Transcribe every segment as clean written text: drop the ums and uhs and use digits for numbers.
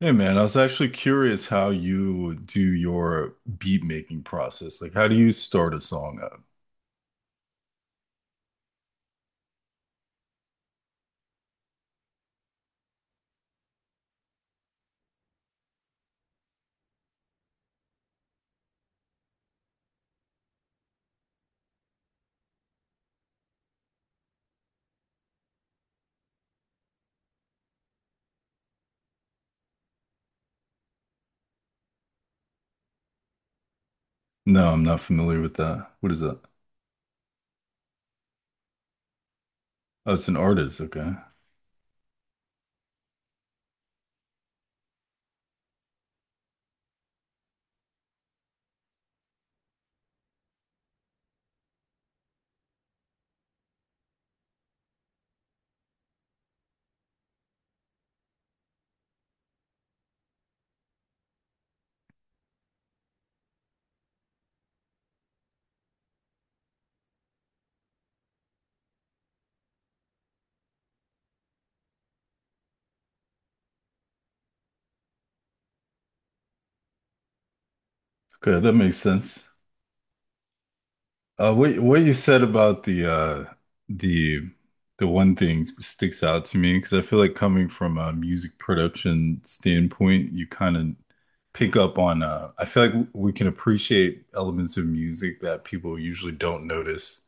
Hey man, I was actually curious how you do your beat making process. Like, how do you start a song up? No, I'm not familiar with that. What is that? Oh, it's an artist. Okay. Okay, that makes sense. What you said about the the the one thing sticks out to me because I feel like coming from a music production standpoint, you kind of pick up on I feel like we can appreciate elements of music that people usually don't notice.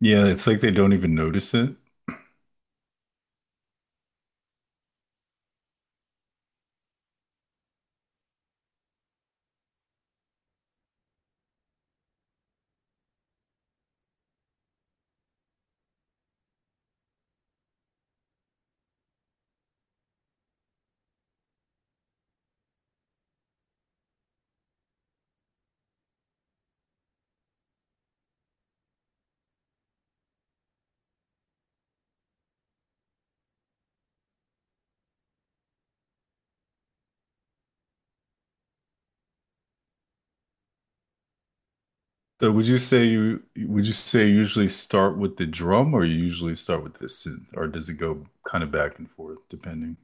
Yeah, it's like they don't even notice it. So would you say you usually start with the drum or you usually start with the synth, or does it go kind of back and forth depending?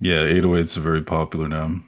Yeah, 808s are very popular now.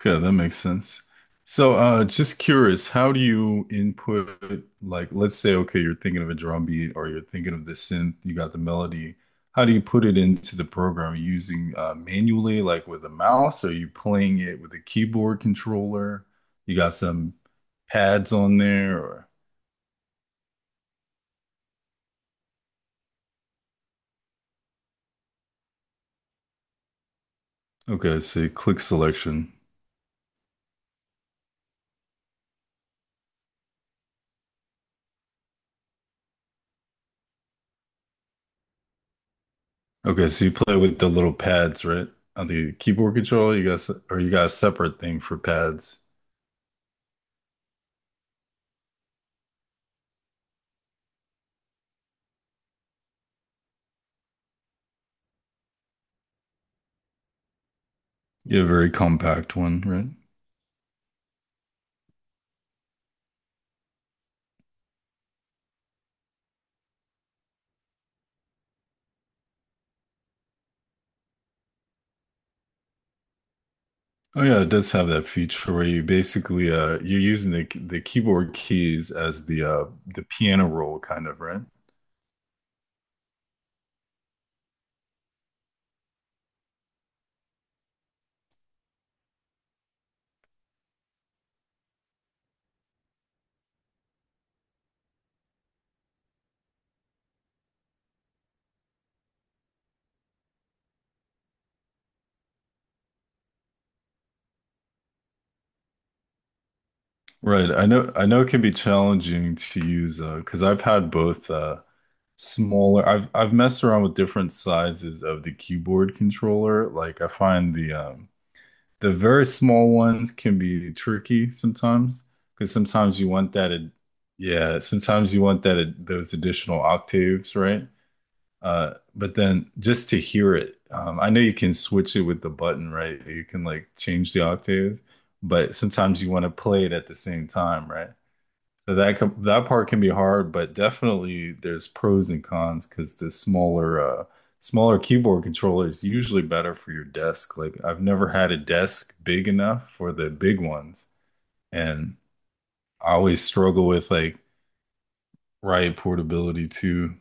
Okay, that makes sense. So just curious, how do you input, like, let's say okay, you're thinking of a drum beat or you're thinking of the synth, you got the melody. How do you put it into the program? Are you using manually, like with a mouse? Are you playing it with a keyboard controller? You got some pads on there or— Okay, so you click selection. Okay, so you play with the little pads, right? On the keyboard controller, you got se- or you got a separate thing for pads. You have a very compact one, right? Oh yeah, it does have that feature where you basically you're using the keyboard keys as the piano roll kind of, right? Right. I know it can be challenging to use because I've had both smaller I've messed around with different sizes of the keyboard controller. Like I find the the very small ones can be tricky sometimes because sometimes you want that, yeah, sometimes you want that those additional octaves, right? But then just to hear it, I know you can switch it with the button, right? You can like change the octaves, but sometimes you want to play it at the same time, right? So that com that part can be hard, but definitely there's pros and cons, because the smaller keyboard controller is usually better for your desk. Like I've never had a desk big enough for the big ones, and I always struggle with like— right, portability too.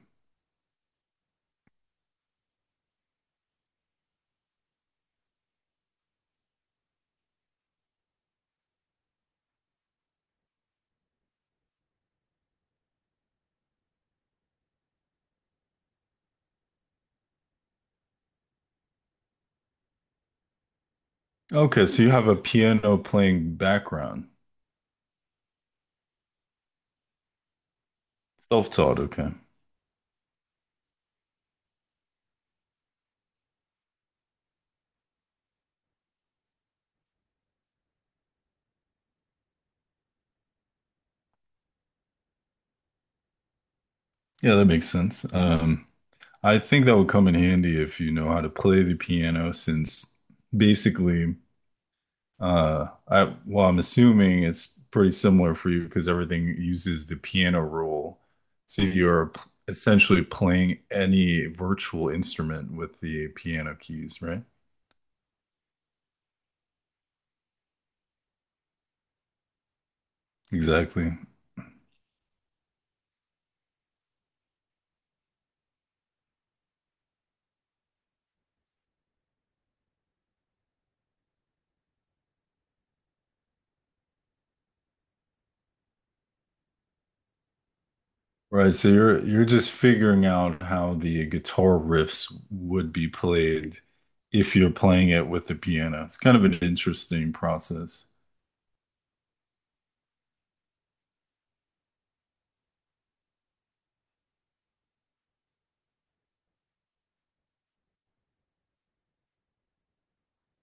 Okay, so you have a piano playing background. Self-taught, okay. Yeah, that makes sense. I think that would come in handy if you know how to play the piano, since basically— I, well, I'm assuming it's pretty similar for you because everything uses the piano rule. So essentially playing any virtual instrument with the piano keys, right? Exactly. Right, so you're just figuring out how the guitar riffs would be played if you're playing it with the piano. It's kind of an interesting process.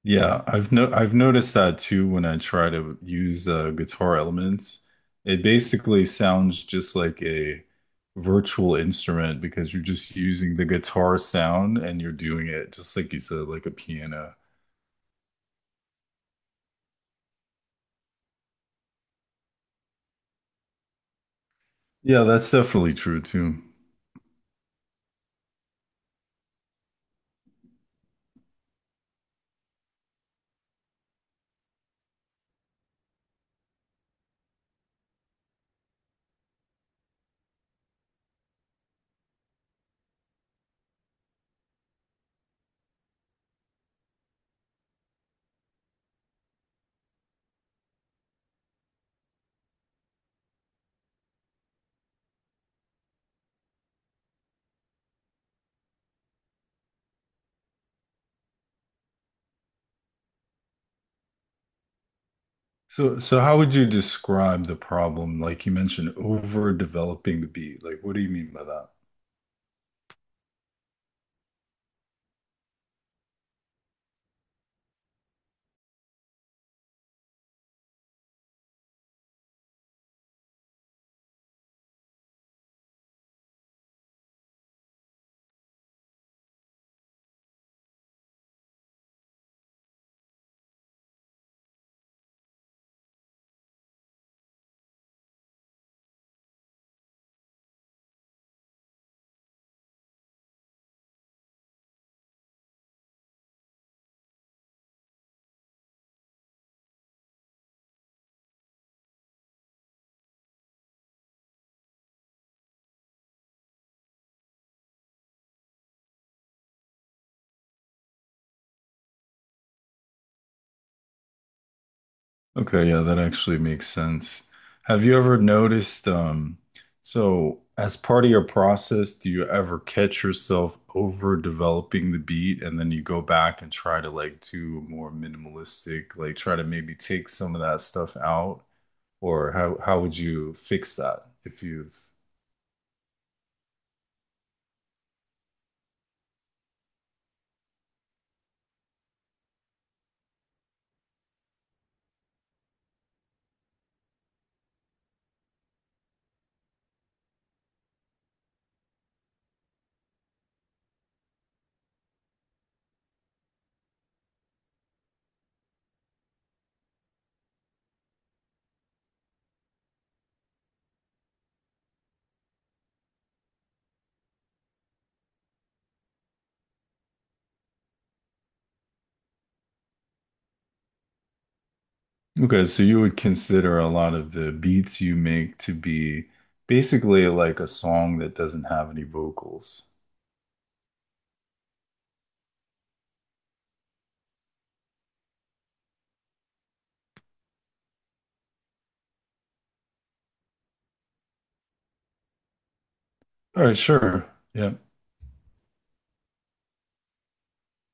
Yeah, I've no I've noticed that too when I try to use guitar elements. It basically sounds just like a virtual instrument because you're just using the guitar sound and you're doing it just like you said, like a piano. Yeah, that's definitely true too. So how would you describe the problem? Like you mentioned, overdeveloping the beat. Like what do you mean by that? Okay, yeah, that actually makes sense. Have you ever noticed, so as part of your process, do you ever catch yourself over developing the beat and then you go back and try to like do more minimalistic, like try to maybe take some of that stuff out? Or how would you fix that if you've— Okay, so you would consider a lot of the beats you make to be basically like a song that doesn't have any vocals. All right, sure. Yeah.